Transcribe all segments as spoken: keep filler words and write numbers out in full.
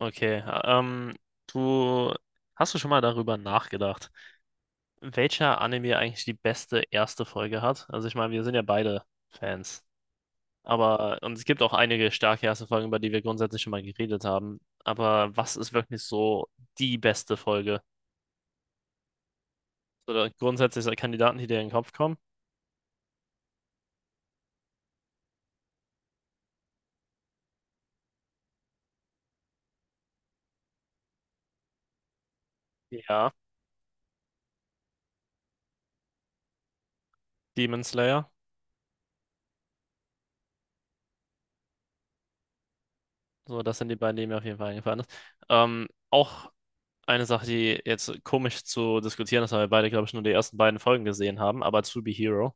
Okay, ähm, du hast du schon mal darüber nachgedacht, welcher Anime eigentlich die beste erste Folge hat? Also ich meine, wir sind ja beide Fans, aber und es gibt auch einige starke erste Folgen, über die wir grundsätzlich schon mal geredet haben. Aber was ist wirklich so die beste Folge? Oder grundsätzlich so Kandidaten, die dir in den Kopf kommen? Ja, Demon Slayer. So, das sind die beiden, die mir auf jeden Fall eingefallen ist. Ähm, auch eine Sache, die jetzt komisch zu diskutieren ist, weil wir beide, glaube ich, nur die ersten beiden Folgen gesehen haben, aber To Be Hero.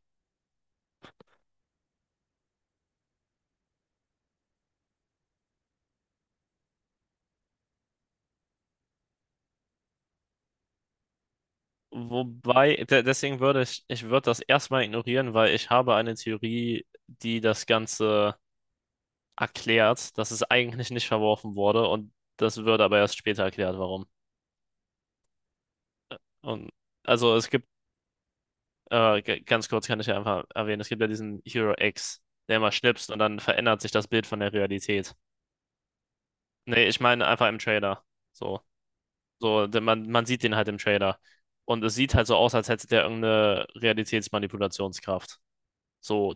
Wobei, de deswegen würde ich, ich würde das erstmal ignorieren, weil ich habe eine Theorie, die das Ganze erklärt, dass es eigentlich nicht verworfen wurde und das wird aber erst später erklärt, warum. Und also es gibt, äh, g- ganz kurz kann ich ja einfach erwähnen, es gibt ja diesen Hero X, der immer schnipst und dann verändert sich das Bild von der Realität. Nee, ich meine einfach im Trailer. So, so, de- man, man sieht den halt im Trailer. Und es sieht halt so aus, als hätte der irgendeine Realitätsmanipulationskraft. So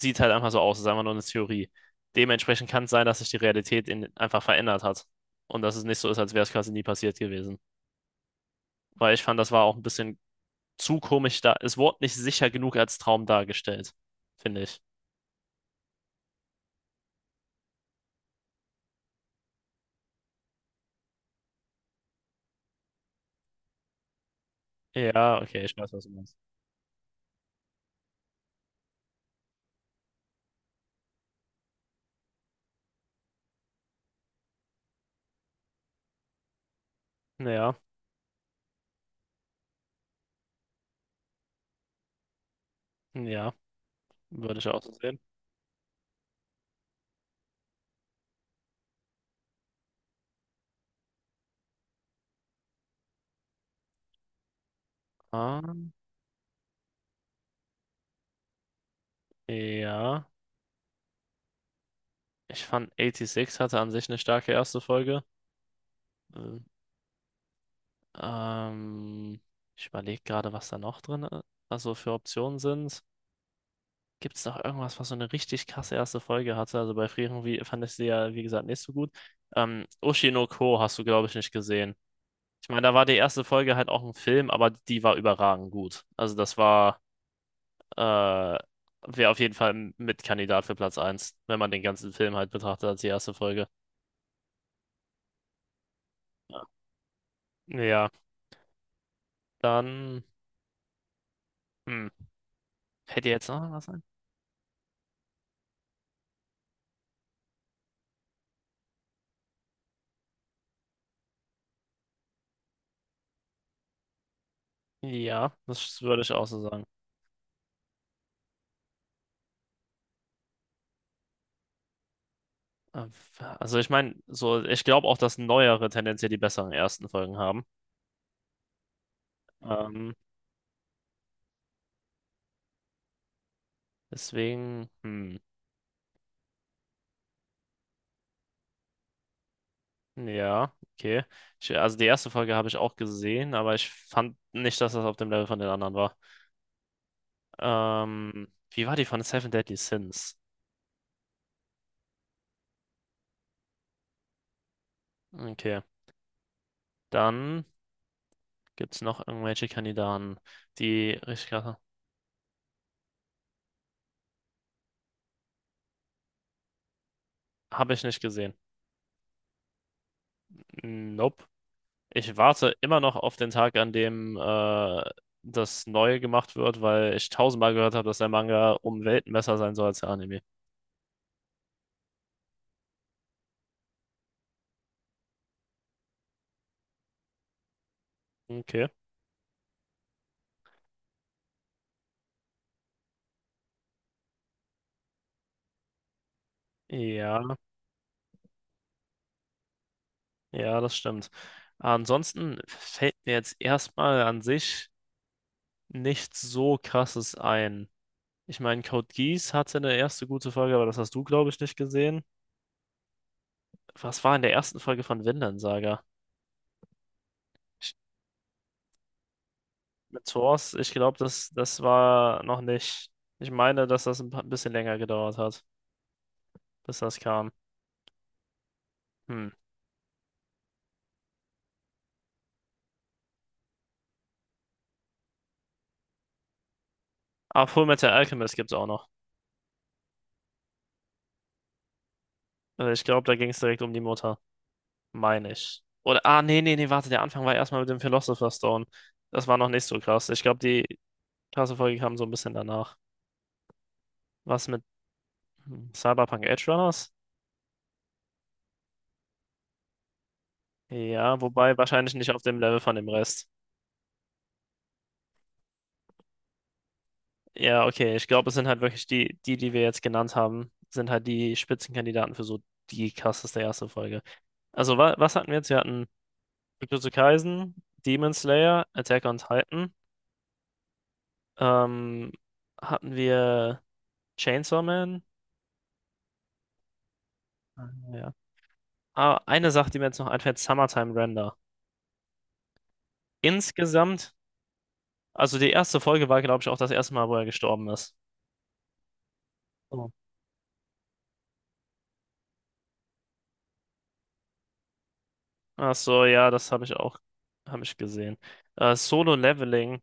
sieht halt einfach so aus, ist einfach nur eine Theorie. Dementsprechend kann es sein, dass sich die Realität in, einfach verändert hat. Und dass es nicht so ist, als wäre es quasi nie passiert gewesen. Weil ich fand, das war auch ein bisschen zu komisch da. Es wurde nicht sicher genug als Traum dargestellt, finde ich. Ja, okay, ich weiß, was du meinst. Ja, ja, würde ich auch so sehen. Ah, ja, ich fand sechsundachtzig hatte an sich eine starke erste Folge. Ähm, ähm, Ich überlege gerade, was da noch drin, äh, also für Optionen sind. Gibt es noch irgendwas, was so eine richtig krasse erste Folge hatte? Also bei Frieren wie, fand ich sie ja, wie gesagt, nicht so gut. Ähm, Ushi no Ko hast du, glaube ich, nicht gesehen. Ich meine, da war die erste Folge halt auch ein Film, aber die war überragend gut. Also das war, äh, wäre auf jeden Fall mit Kandidat für Platz eins, wenn man den ganzen Film halt betrachtet als die erste Folge. Ja, dann, hm, hätte jetzt noch was sein? Ja, das würde ich auch so sagen. Äh, Also ich meine, so, ich glaube auch, dass neuere tendenziell die besseren ersten Folgen haben. Ähm, Deswegen, hm, ja, okay. Ich, also die erste Folge habe ich auch gesehen, aber ich fand nicht, dass das auf dem Level von den anderen war. Ähm, wie war die von Seven Deadly Sins? Okay. Dann gibt es noch irgendwelche Kandidaten, die richtig krass sind. Habe ich nicht gesehen. Nope. Ich warte immer noch auf den Tag, an dem äh, das Neue gemacht wird, weil ich tausendmal gehört habe, dass der Manga um Welten besser sein soll als der Anime. Okay. Ja. Ja, das stimmt. Ansonsten fällt mir jetzt erstmal an sich nichts so Krasses ein. Ich meine, Code Geass hatte eine erste gute Folge, aber das hast du, glaube ich, nicht gesehen. Was war in der ersten Folge von Vinland Saga? Ich, mit Source, ich glaube, das, das war noch nicht. Ich meine, dass das ein pa- bisschen länger gedauert hat, bis das kam. Hm. Ah, Fullmetal Alchemist gibt's auch noch. Äh, Ich glaube, da ging es direkt um die Mutter, meine ich. Oder, ah, nee, nee, nee, warte, der Anfang war erstmal mit dem Philosopher's Stone. Das war noch nicht so krass. Ich glaube, die krasse Folge kam so ein bisschen danach. Was mit hm, Cyberpunk Edge Runners? Ja, wobei wahrscheinlich nicht auf dem Level von dem Rest. Ja, okay, ich glaube, es sind halt wirklich die, die, die wir jetzt genannt haben, sind halt die Spitzenkandidaten für so die krasseste erste Folge. Also, wa was hatten wir jetzt? Wir hatten Jujutsu Kaisen, Demon Slayer, Attack on Titan, ähm, hatten wir Chainsaw Man, ja. Ah, eine Sache, die mir jetzt noch einfällt, Summertime Render. Insgesamt, also die erste Folge war, glaube ich, auch das erste Mal, wo er gestorben ist. Oh. Ach so, ja, das habe ich auch, habe ich gesehen. Äh, Solo Leveling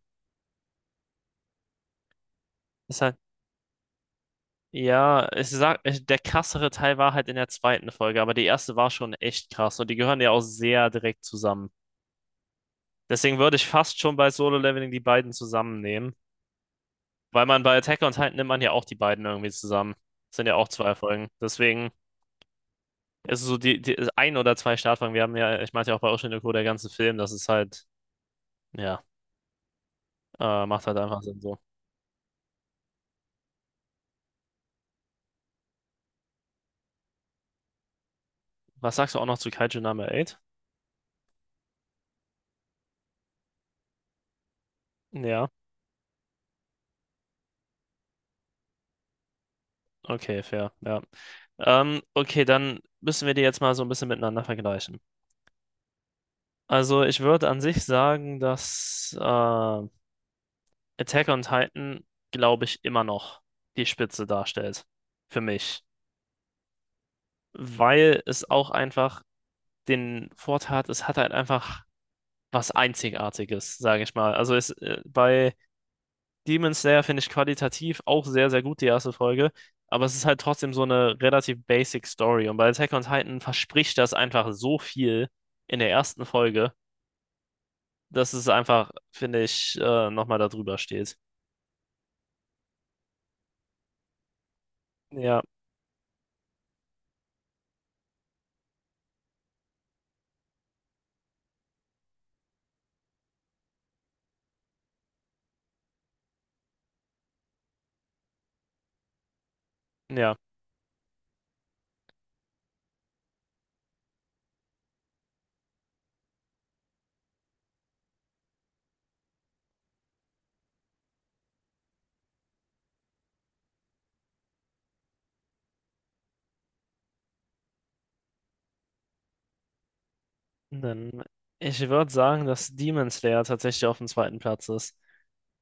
ist halt, ja, ich sag, ich, der krassere Teil war halt in der zweiten Folge, aber die erste war schon echt krass und die gehören ja auch sehr direkt zusammen. Deswegen würde ich fast schon bei Solo Leveling die beiden zusammennehmen, weil man bei Attack on Titan nimmt man ja auch die beiden irgendwie zusammen. Das sind ja auch zwei Folgen. Deswegen. Es ist so die, die ein oder zwei Startfragen. Wir haben ja, ich meinte ja auch bei Ocean Echo der ganze Film, das ist halt, ja, äh, macht halt einfach Sinn so. Was sagst du auch noch zu Kaiju Number acht? Ja, okay, fair, ja. Ähm, okay, dann müssen wir die jetzt mal so ein bisschen miteinander vergleichen. Also ich würde an sich sagen, dass äh, Attack on Titan, glaube ich, immer noch die Spitze darstellt. Für mich. Weil es auch einfach den Vorteil hat, es hat halt einfach was Einzigartiges, sage ich mal. Also es, äh, bei Demon Slayer finde ich qualitativ auch sehr, sehr gut die erste Folge, aber es ist halt trotzdem so eine relativ basic Story. Und bei Attack on Titan verspricht das einfach so viel in der ersten Folge, dass es einfach, finde ich, äh, nochmal da drüber steht. Ja, ja. Dann, ich würde sagen, dass Demon Slayer tatsächlich auf dem zweiten Platz ist.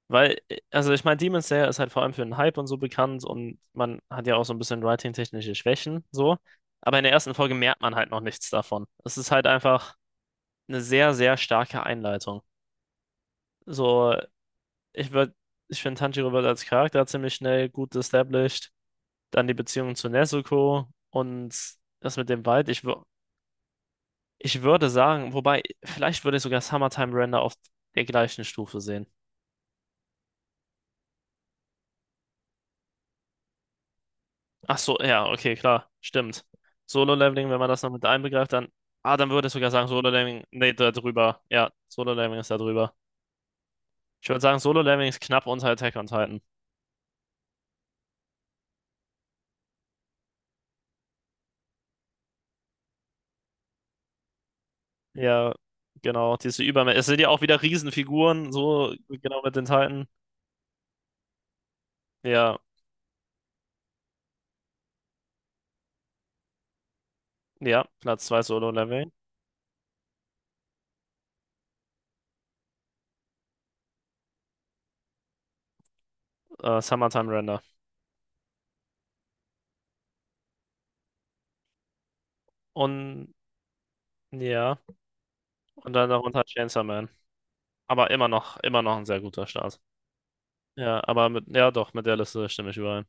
Weil, äh, also ich meine, Demon Slayer ist halt vor allem für den Hype und so bekannt und man hat ja auch so ein bisschen writing-technische Schwächen, so. Aber in der ersten Folge merkt man halt noch nichts davon. Es ist halt einfach eine sehr, sehr starke Einleitung. So, ich würde, ich finde, Tanjiro wird als Charakter ziemlich schnell gut established. Dann die Beziehung zu Nezuko und das mit dem Wald. Ich, wür- ich würde sagen, wobei, vielleicht würde ich sogar Summertime Render auf der gleichen Stufe sehen. Ach so, ja, okay, klar, stimmt. Solo-Leveling, wenn man das noch mit einbegreift, dann, ah, dann würde ich sogar sagen, Solo-Leveling, nee, da drüber. Ja, Solo-Leveling ist da drüber. Ich würde sagen, Solo-Leveling ist knapp unter Attack on Titan. Ja, genau, diese Übermächte. Es sind ja auch wieder Riesenfiguren, so genau mit den Titan. Ja, ja, Platz zwei Solo-Leveling. Äh, Summertime Render. Und ja, und dann darunter Chainsaw Man. Aber immer noch, immer noch ein sehr guter Start. Ja, aber mit, ja doch, mit der Liste stimme ich überein.